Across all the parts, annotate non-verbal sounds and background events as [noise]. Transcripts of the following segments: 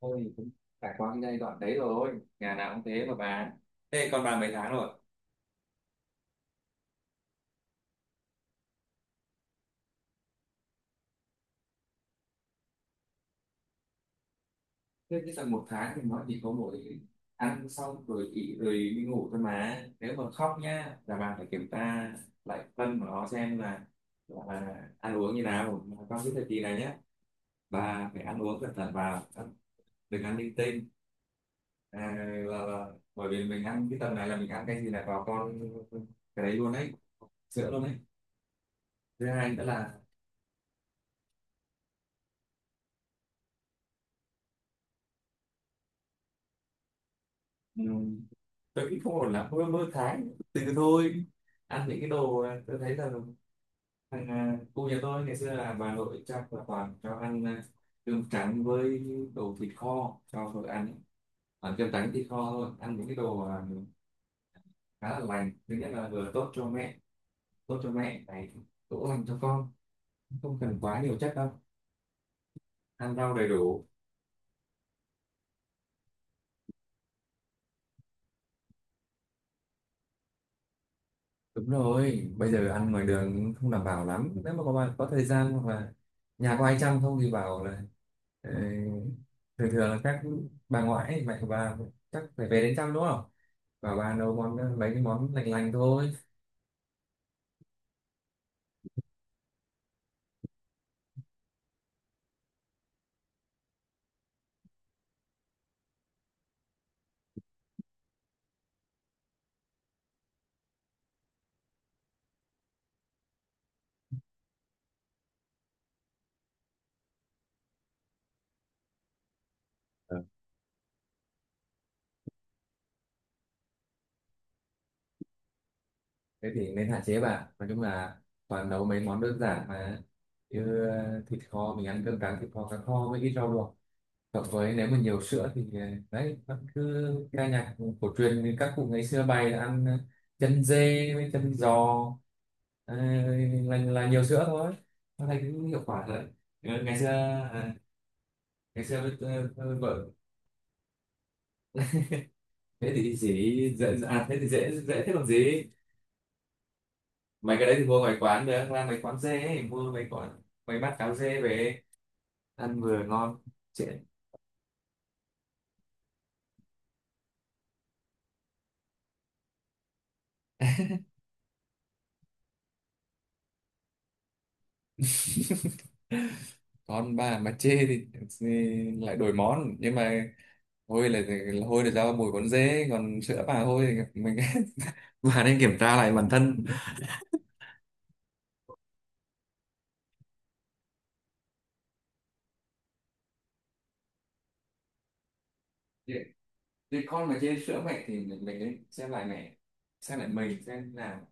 Thôi cũng trải qua cái giai đoạn đấy rồi, nhà nào cũng thế mà bà. Thế con bà mấy tháng rồi? Thế cái tầm một tháng thì nó chỉ có mỗi ăn xong rồi nghỉ rồi đi ngủ thôi, mà nếu mà khóc nhá là bà phải kiểm tra lại phân của nó xem là ăn uống như nào. Mà trong cái thời kỳ này nhá, bà phải ăn uống cẩn thận vào, đừng ăn linh tinh. à, là, là, bởi vì mình ăn cái tầm này là mình ăn cái gì là vào con, cái đấy luôn đấy, sữa luôn đấy. Thứ hai nữa là tôi nghĩ không ổn lắm, mơ mơ thái từ thôi, ăn những cái đồ, tôi thấy là cô nhà tôi ngày xưa là bà nội chắc là toàn cho ăn, cơm trắng với đồ thịt kho cho vợ ăn ấy. Ăn cơm trắng thịt kho thôi, ăn những cái đồ, khá là lành. Thứ nhất là vừa tốt cho mẹ, tốt cho mẹ này, cũng lành cho con, không cần quá nhiều chất đâu, ăn rau đầy đủ. Đúng rồi, bây giờ ăn ngoài đường cũng không đảm bảo lắm. Nếu mà có bạn có thời gian hoặc là nhà có ai chăm không thì bảo là Ờ, thường thường là các bà ngoại ấy, mẹ của bà, chắc phải về đến trăm đúng không, và bà nấu món, mấy cái món lành lành thôi. Ờ, thế thì nên hạn chế. Bà nói chung là toàn nấu mấy món đơn giản mà, như thịt kho, mình ăn cơm trắng thịt kho cá kho với ít rau luộc. Cộng với nếu mà nhiều sữa thì, đấy, vẫn cứ ca nhạc cổ truyền như các cụ ngày xưa bày, là ăn chân dê với chân giò, ờ, là nhiều sữa thôi. Nó thấy cũng hiệu quả rồi. Ừ, ngày xưa, ờ, ngày xưa với vợ, thế thì dễ dễ à thế thì dễ dễ thế còn gì. Mấy cái đấy thì mua ngoài quán được, ra mấy quán dê ấy, mua mấy quán mấy bát cháo dê về ăn vừa ngon, trễ. [laughs] Con bà mà chê thì lại đổi món, nhưng mà hôi là hôi là do mùi con dế, còn sữa bà hôi thì mình [laughs] bà nên kiểm tra lại bản thân. thì, thì con mà chê sữa mẹ thì mình nên xem lại mẹ, xem lại mình xem nào.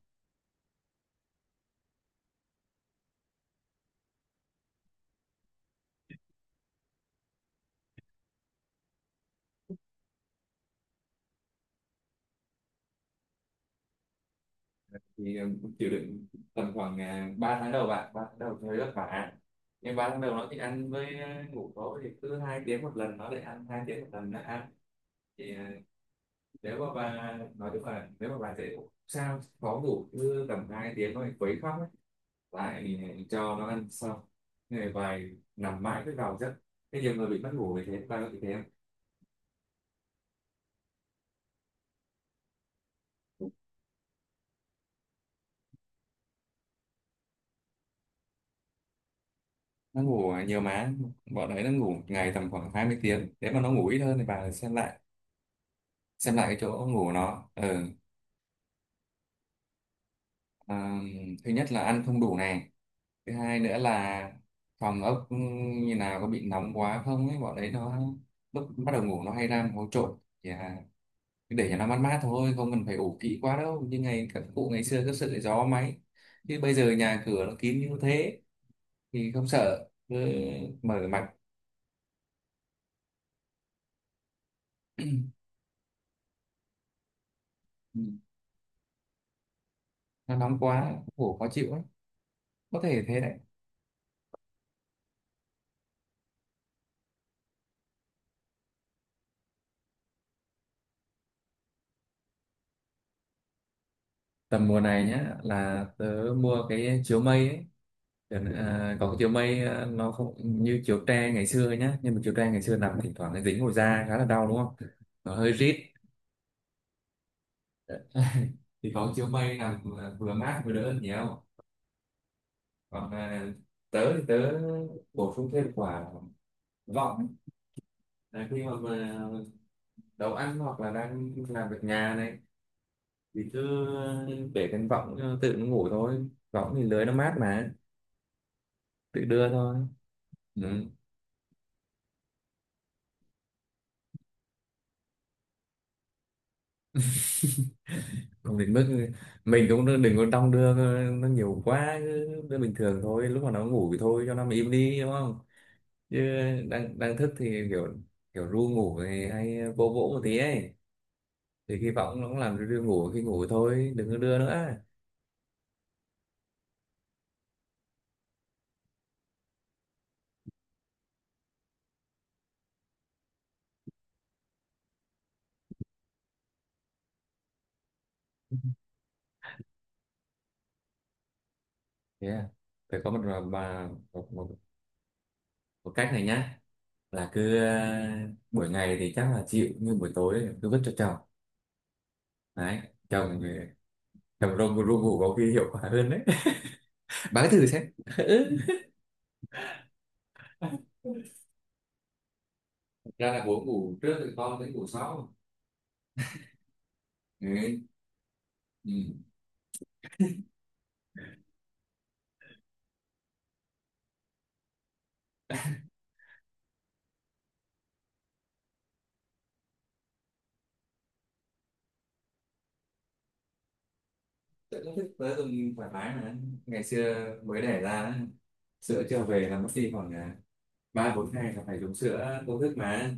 Thì ừ, chịu đựng tầm khoảng 3 tháng đầu bạn, 3 tháng đầu thấy vất vả, nhưng 3 tháng đầu nó thì ăn với ngủ. Tối thì cứ hai tiếng một lần nó lại ăn, hai tiếng một lần nó ăn, thì nếu mà bà nói chung là nếu mà bà dễ ngủ sao khó ngủ, cứ tầm hai tiếng nó lại quấy khóc ấy, lại cho nó ăn xong người vài, nằm mãi cứ vào giấc, cái nhiều người bị mất ngủ vì thế. Bà có bị thế không? Nó ngủ nhiều má, bọn đấy nó ngủ một ngày tầm khoảng 20 tiếng, nếu mà nó ngủ ít hơn thì bà xem lại, xem lại cái chỗ ngủ của nó. Ừ. À, thứ nhất là ăn không đủ này, thứ hai nữa là phòng ốc ừ, như nào, có bị nóng quá không ấy. Bọn đấy nó lúc bắt đầu ngủ nó hay ra một hố trộn thì, cứ để cho nó mát mát thôi, không cần phải ủ kỹ quá đâu, như ngày các cụ ngày xưa cứ sợ gió máy, chứ bây giờ nhà cửa nó kín như thế thì không sợ, cứ mở mặt. [clears throat] Nó nóng quá ngủ khó chịu lắm, có thể thế đấy. Tầm mùa này nhá là tớ mua cái chiếu mây ấy. Được. À, còn cái chiều mây nó không như chiều tre ngày xưa nhá, nhưng mà chiều tre ngày xưa nằm thỉnh thoảng nó dính vào da khá là đau đúng không, nó hơi rít. [laughs] Thì có chiều mây nằm vừa mát vừa đỡ hơn nhiều. Còn tớ bổ sung thêm quả vọng ấy. Là khi mà nấu ăn hoặc là đang làm việc nhà này thì cứ để cái vọng, tự nó ngủ thôi, võng thì lưới nó mát mà, tự đưa thôi. Ừ. Không đến mức mình cũng đừng có đong đưa nó nhiều quá, cứ đưa bình thường thôi. Lúc mà nó ngủ thì thôi cho nó mà im đi đúng không, chứ đang đang thức thì kiểu kiểu ru ngủ thì hay vỗ vỗ một tí ấy, thì khi vọng nó cũng làm cho đưa ngủ, khi ngủ thôi đừng có đưa nữa. Yeah, phải có một mà một, một, một cách này nhá, là cứ buổi ngày thì chắc là chịu, nhưng buổi tối cứ vứt cho chồng, đấy, chồng chồng ru ru ngủ có khi hiệu quả hơn đấy. [laughs] Bán thử xem. [laughs] Ừ, ra là buổi ngủ trước thì con đến ngủ sau, đấy. Ừ. Tự nó thích tới từng thoải mái mà, ngày xưa mới đẻ ra á, sữa chưa về là mất đi khoảng ba bốn ngày là phải dùng sữa công thức mà,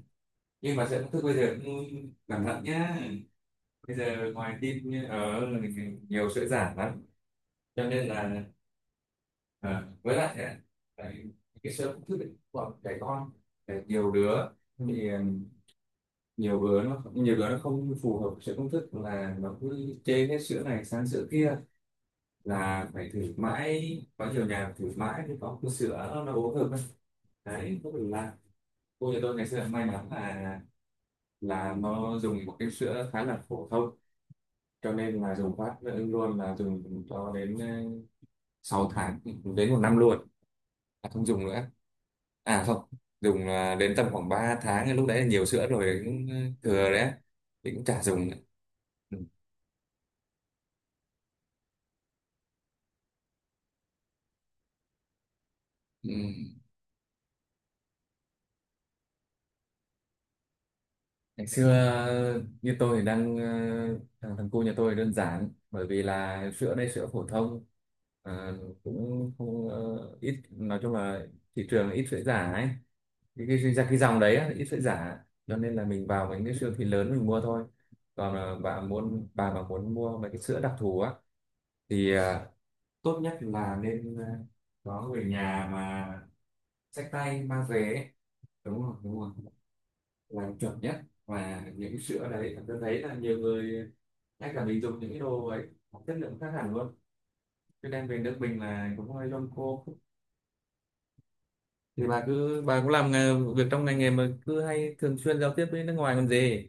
nhưng mà sữa công thức bây giờ cũng cẩn thận nhá, bây giờ ngoài tin như ở nhiều sữa giả lắm, cho nên là với lại á, tại cái sữa công thức ấy, của trẻ con là nhiều đứa, thì nhiều đứa nó không phù hợp sữa công thức là nó cứ chê hết sữa này sang sữa kia, là phải thử mãi, có nhiều nhà thử mãi mới có cái sữa nó uống được ấy. Đấy không được là cô nhà tôi ngày xưa may mắn là nó dùng một cái sữa khá là phổ thông, cho nên là dùng phát luôn là dùng cho đến 6 tháng, đến một năm luôn là không dùng nữa. À không, dùng đến tầm khoảng 3 tháng lúc đấy là nhiều sữa rồi, cũng thừa đấy, thì cũng chả dùng nữa. Ừ. Ừ. Ngày xưa như tôi thì đang thằng thằng cu nhà tôi đơn giản, bởi vì là sữa đây sữa phổ thông, ờ, cũng không ít, nói chung là thị trường ít sữa giả ấy, cái dòng đấy á, ít sữa giả, cho nên là mình vào những cái siêu thị lớn mình mua thôi. Còn bà mà muốn mua mấy cái sữa đặc thù á thì tốt nhất là nên có người nhà mà xách tay mang về ấy. Đúng rồi đúng rồi, là chuẩn nhất. Và những sữa đấy tôi thấy là nhiều người, ngay cả mình dùng những cái đồ ấy có chất lượng khác hẳn luôn, cho nên về nước mình là cũng hơi lông cô. Thì bà cũng làm việc trong ngành nghề mà cứ hay thường xuyên giao tiếp với nước ngoài còn gì,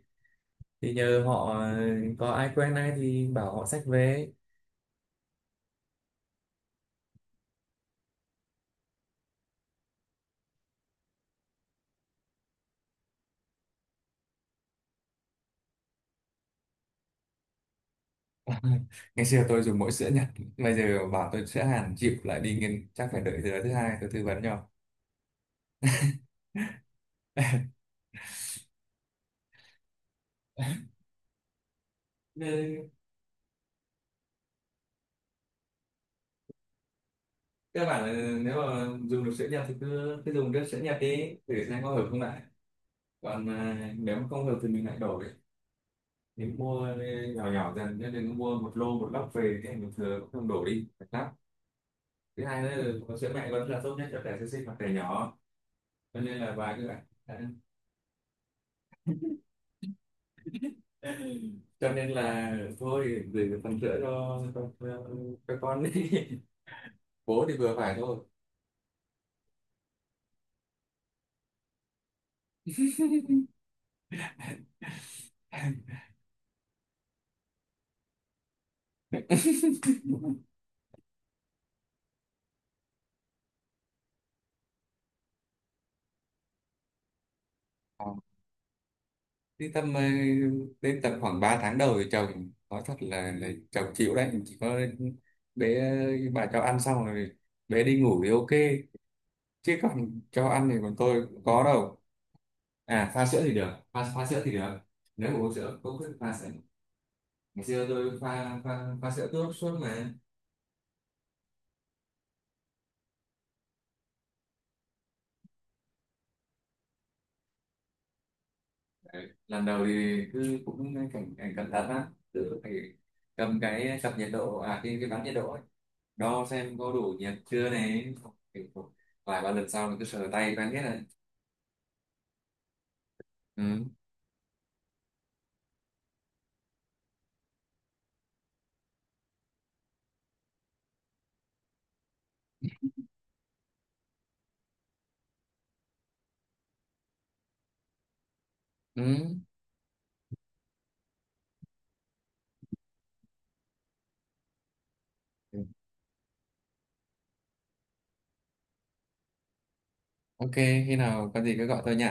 thì nhờ họ, có ai quen ai thì bảo họ xách về. [laughs] Ngày xưa tôi dùng mỗi sữa Nhật, bây giờ bảo tôi sữa Hàn chịu, lại đi nghiên chắc phải đợi tới thứ hai tôi tư vấn cho. [laughs] Các bạn nếu mà dùng được sữa nhập thì cứ cứ dùng nước sữa nhập đi để xem có hợp không lại, còn nếu mà không hợp thì mình lại đổ đi, thì mua nhỏ nhỏ dần, chứ đừng mua một lô một lốc về thì mình thừa cũng không đổ đi thật lắm. Thứ hai nữa là có sữa mẹ vẫn là tốt nhất cho trẻ sơ sinh hoặc trẻ nhỏ, cho nên là vài cái bạn [laughs] cho nên là thôi gửi phần sữa cho cho con đi, [laughs] bố thì vừa phải thôi. [laughs] À, đi tầm đến tầm khoảng 3 tháng đầu thì chồng nói thật là, chồng chịu đấy, chỉ có bé, bà cho ăn xong rồi bé đi ngủ thì ok, chứ còn cho ăn thì còn tôi cũng có đâu. À pha sữa thì được, pha sữa thì được, nếu mà uống sữa cũng cứ pha sữa. Ngày xưa tôi pha pha, pha sữa tốt suốt mà. Đấy, lần đầu thì cứ cũng cảnh cảnh cẩn thận lắm, tự phải cầm cái cặp nhiệt độ, à cái bán nhiệt độ ấy, đo xem có đủ nhiệt chưa này. Kiểu vài ba lần sau mình cứ sờ tay quen hết rồi. Ừ. Ừ. Ừ, ok, khi nào có gì cứ gọi tôi nhỉ.